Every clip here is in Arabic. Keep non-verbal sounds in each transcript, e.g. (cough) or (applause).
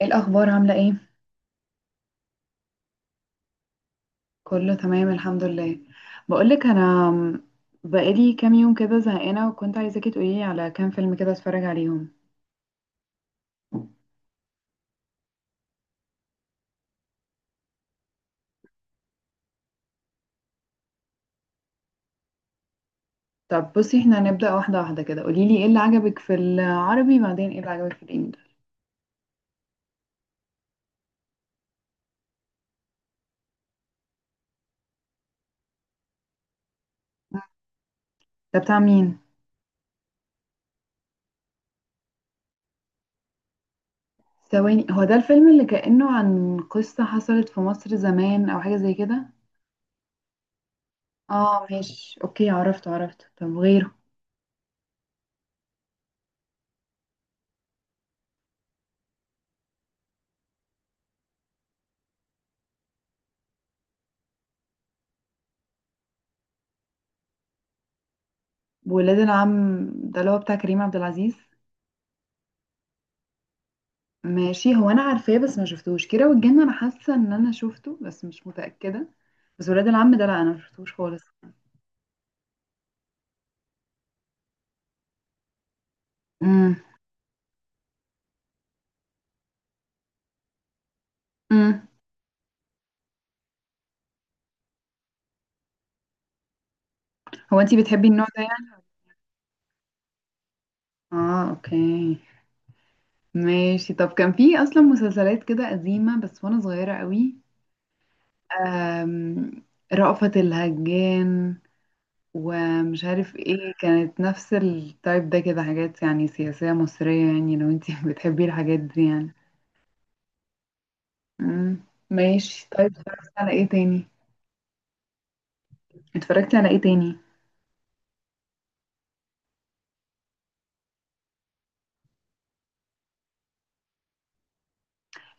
ايه الاخبار؟ عامله ايه؟ كله تمام، الحمد لله. بقولك انا، بقالي كام يوم كده زهقانه، وكنت عايزاكي تقوليلي على كام فيلم كده اتفرج عليهم. طب بصي، احنا هنبدا واحده واحده كده. قوليلي ايه اللي عجبك في العربي، بعدين ايه اللي عجبك في الانجليزي؟ ده بتاع مين؟ ثواني، هو ده الفيلم اللي كانه عن قصه حصلت في مصر زمان او حاجه زي كده؟ اه ماشي، اوكي عرفت عرفت. طب غيره؟ ولاد العم ده اللي هو بتاع كريم عبد العزيز؟ ماشي، هو انا عارفاه، بس ما شفتوش كيرة والجن، انا حاسه ان انا شفته بس مش متاكده. بس ولاد العم ده لا، انا ما شفتوش خالص. امم. امم. هو انتي بتحبي النوع ده يعني؟ اه اوكي ماشي. طب كان في اصلا مسلسلات كده قديمه بس وانا صغيره قوي. أم... رأفت الهجان، ومش عارف ايه، كانت نفس التايب ده كده، حاجات يعني سياسيه مصريه، يعني لو انتي (laughs) بتحبي الحاجات دي يعني. امم. ماشي طيب، اتفرجت على ايه تاني؟ اتفرجتي على ايه تاني؟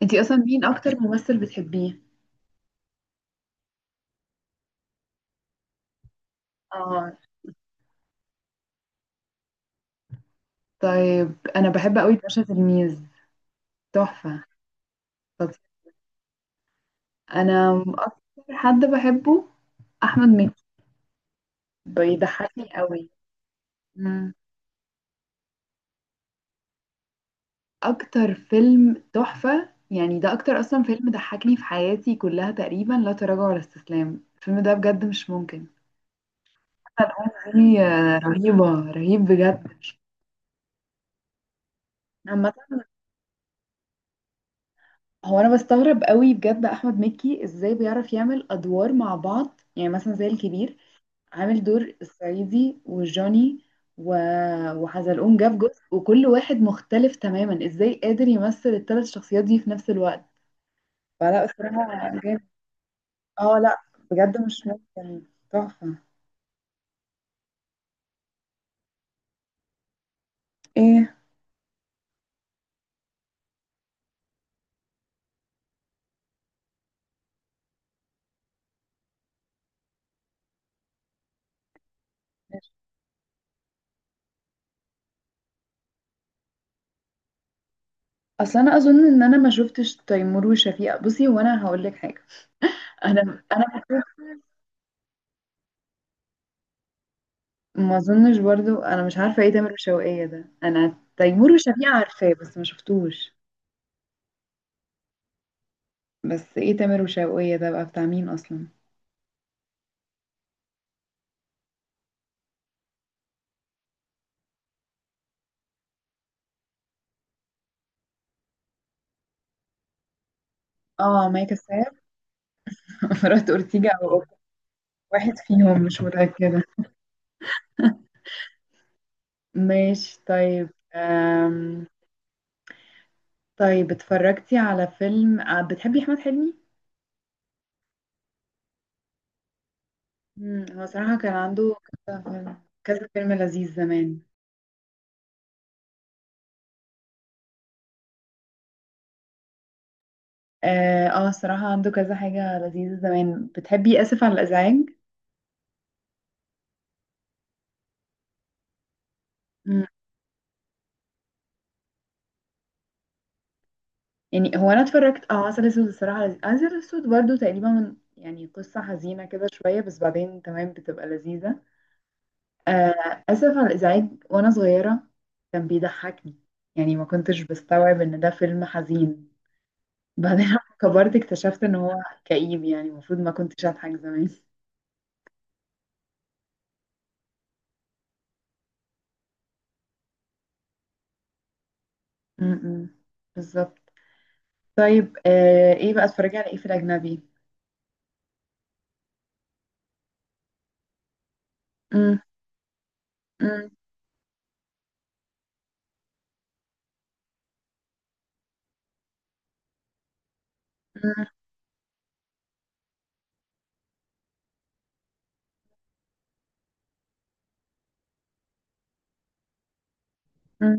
انتي اصلا مين اكتر ممثل بتحبيه؟ اه. طيب انا بحب قوي باشا تلميذ. تحفة. طب، انا اكتر حد بحبه احمد مكي، بيضحكني قوي. مم. اكتر فيلم تحفة يعني، ده اكتر اصلا فيلم ضحكني في حياتي كلها تقريبا، لا تراجع ولا استسلام. الفيلم ده بجد مش ممكن. حتى الأغنية دي رهيبة، رهيب بجد. عامة، هو انا بستغرب قوي بجد، احمد مكي ازاي بيعرف يعمل ادوار مع بعض، يعني مثلا زي الكبير، عامل دور الصعيدي وجوني و... وحزلقوم جاب جزء، وكل واحد مختلف تماما. ازاي قادر يمثل الثلاث شخصيات دي في نفس الوقت؟ فلا بصراحة جامد. اه لا، بجد مش ممكن. تحفة. ايه، اصل انا اظن ان انا ما شفتش تيمور وشفيقة. بصي وانا هقول لك حاجة، انا ما اظنش برضو، انا مش عارفه ايه تامر وشوقية ده، انا تيمور وشفيقة عارفاه بس ما شفتوش. بس ايه تامر وشوقية ده بقى بتاع مين اصلا؟ اه مايا كساب. (laughs) مرات اورتيجا او أوكا. واحد فيهم، مش متاكده. ماشي طيب. أم... طيب، اتفرجتي على فيلم، بتحبي احمد حلمي؟ هو صراحه كان عنده كذا فيلم، كذا فيلم لذيذ زمان. اه. صراحه عنده كذا حاجه لذيذه زمان. بتحبي اسف على الازعاج؟ يعني هو انا اتفرجت عسل اسود. الصراحه لذيذ، عسل اسود برضو تقريبا يعني قصه حزينه كده شويه، بس بعدين تمام بتبقى لذيذه. اسف على الازعاج، وانا صغيره كان بيضحكني، يعني ما كنتش بستوعب ان ده فيلم حزين. بعدين (laughs) لما كبرت اكتشفت ان هو كئيب، يعني المفروض ما كنتش اضحك زمان. م-م. بالظبط. طيب، ايه بقى، اتفرجي على ايه في الاجنبي؟ م-. م-. م-. م-.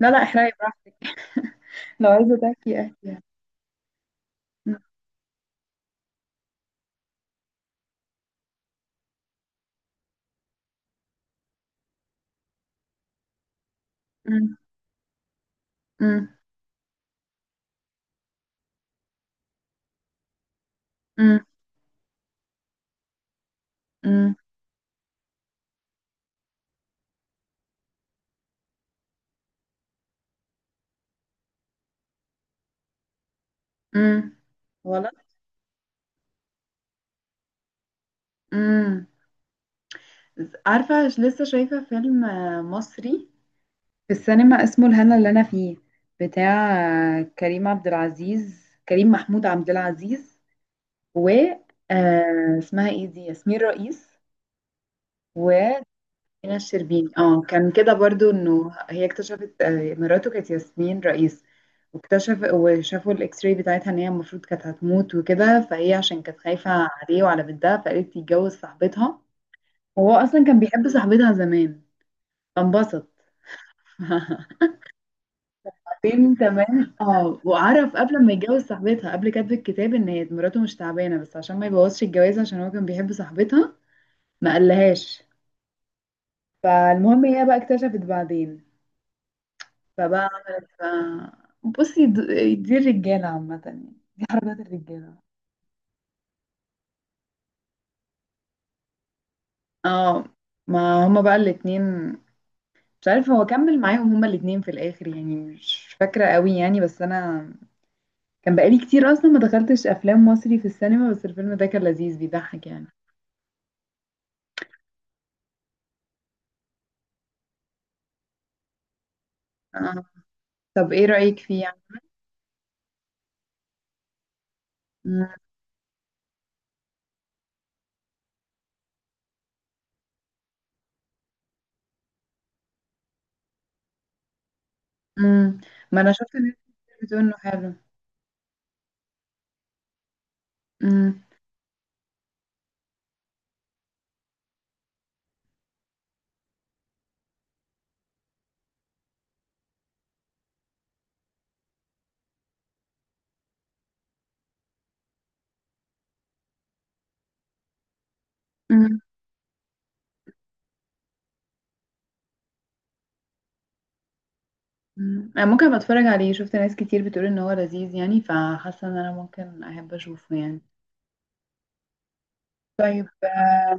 لا، لا، احرقي براحتك، لو عايزه تحكي احكي. م-. م-. م-. م-. امم. امم. غلط. امم. عارفة، لسه شايفة فيلم مصري في السينما اسمه الهنا اللي أنا فيه، بتاع كريم عبد العزيز، كريم محمود عبد العزيز، و اسمها ايه دي، ياسمين رئيس. وسمينة الشربيني. اه كان كده برضو، انه هي اكتشفت مراته كانت ياسمين رئيس، واكتشف وشافوا الاكس راي بتاعتها ان هي المفروض كانت هتموت وكده، فهي عشان كانت خايفة عليه وعلى بنتها، فقالت تتجوز صاحبتها. هو اصلا كان بيحب صاحبتها زمان، فانبسط. (laughs) بعدين تمام. اه وعرف قبل ما يتجوز صاحبتها، قبل كاتب الكتاب، ان هي مراته مش تعبانه، بس عشان ما يبوظش الجواز، عشان هو كان بيحب صاحبتها، ما قالهاش. فالمهم هي بقى اكتشفت بعدين، فبقى عملت بصي، دي الرجاله عامه، يعني دي حركات الرجاله. اه، ما هما بقى الاتنين، مش عارفه هو كمل معاهم هما الاتنين في الاخر يعني، مش فاكره قوي يعني. بس انا كان بقالي كتير اصلا ما دخلتش افلام مصري في السينما، بس الفيلم ده كان لذيذ بيضحك يعني. اه، طب ايه رأيك فيه يعني؟ مم. مم. ما انا شفت ناس كتير بتقول انه حلو. مم. مم. مم. انا ممكن ابقى اتفرج عليه، شفت ناس كتير بتقول ان هو لذيذ يعني، فحاسه ان انا ممكن احب اشوفه يعني. طيب،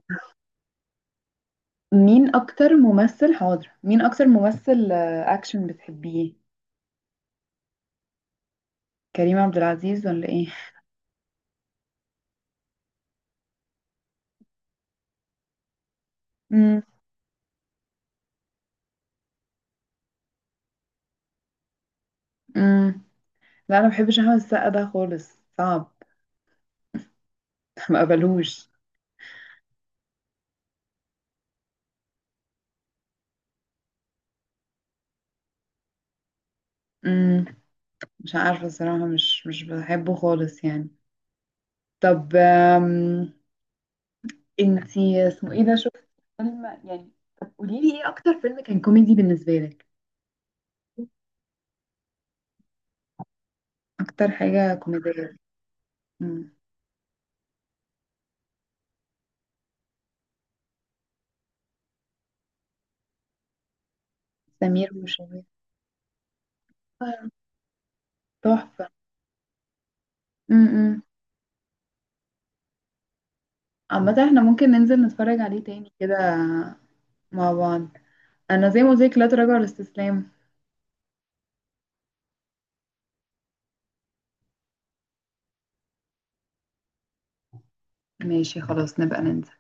مين اكتر ممثل اكشن بتحبيه؟ كريم عبد العزيز ولا ايه؟ مم. مم. لا، انا ما بحبش احمد السقا ده خالص، صعب. (laughs) ما قبلوش. امم مش عارفة الصراحة، مش بحبه خالص يعني. طب، انتي اسمه ايه ده، شفت فيلم يعني؟ طب قوليلي ايه اكتر فيلم كان كوميدي بالنسبة لك، اكتر حاجة كوميدية. مم. سمير وشهير. تحفة. امم عامة احنا ممكن ننزل نتفرج عليه تاني كده مع بعض. انا زي ما قلت لك، لا تراجع ولا استسلام. ماشي، خلاص نبقى ننزل.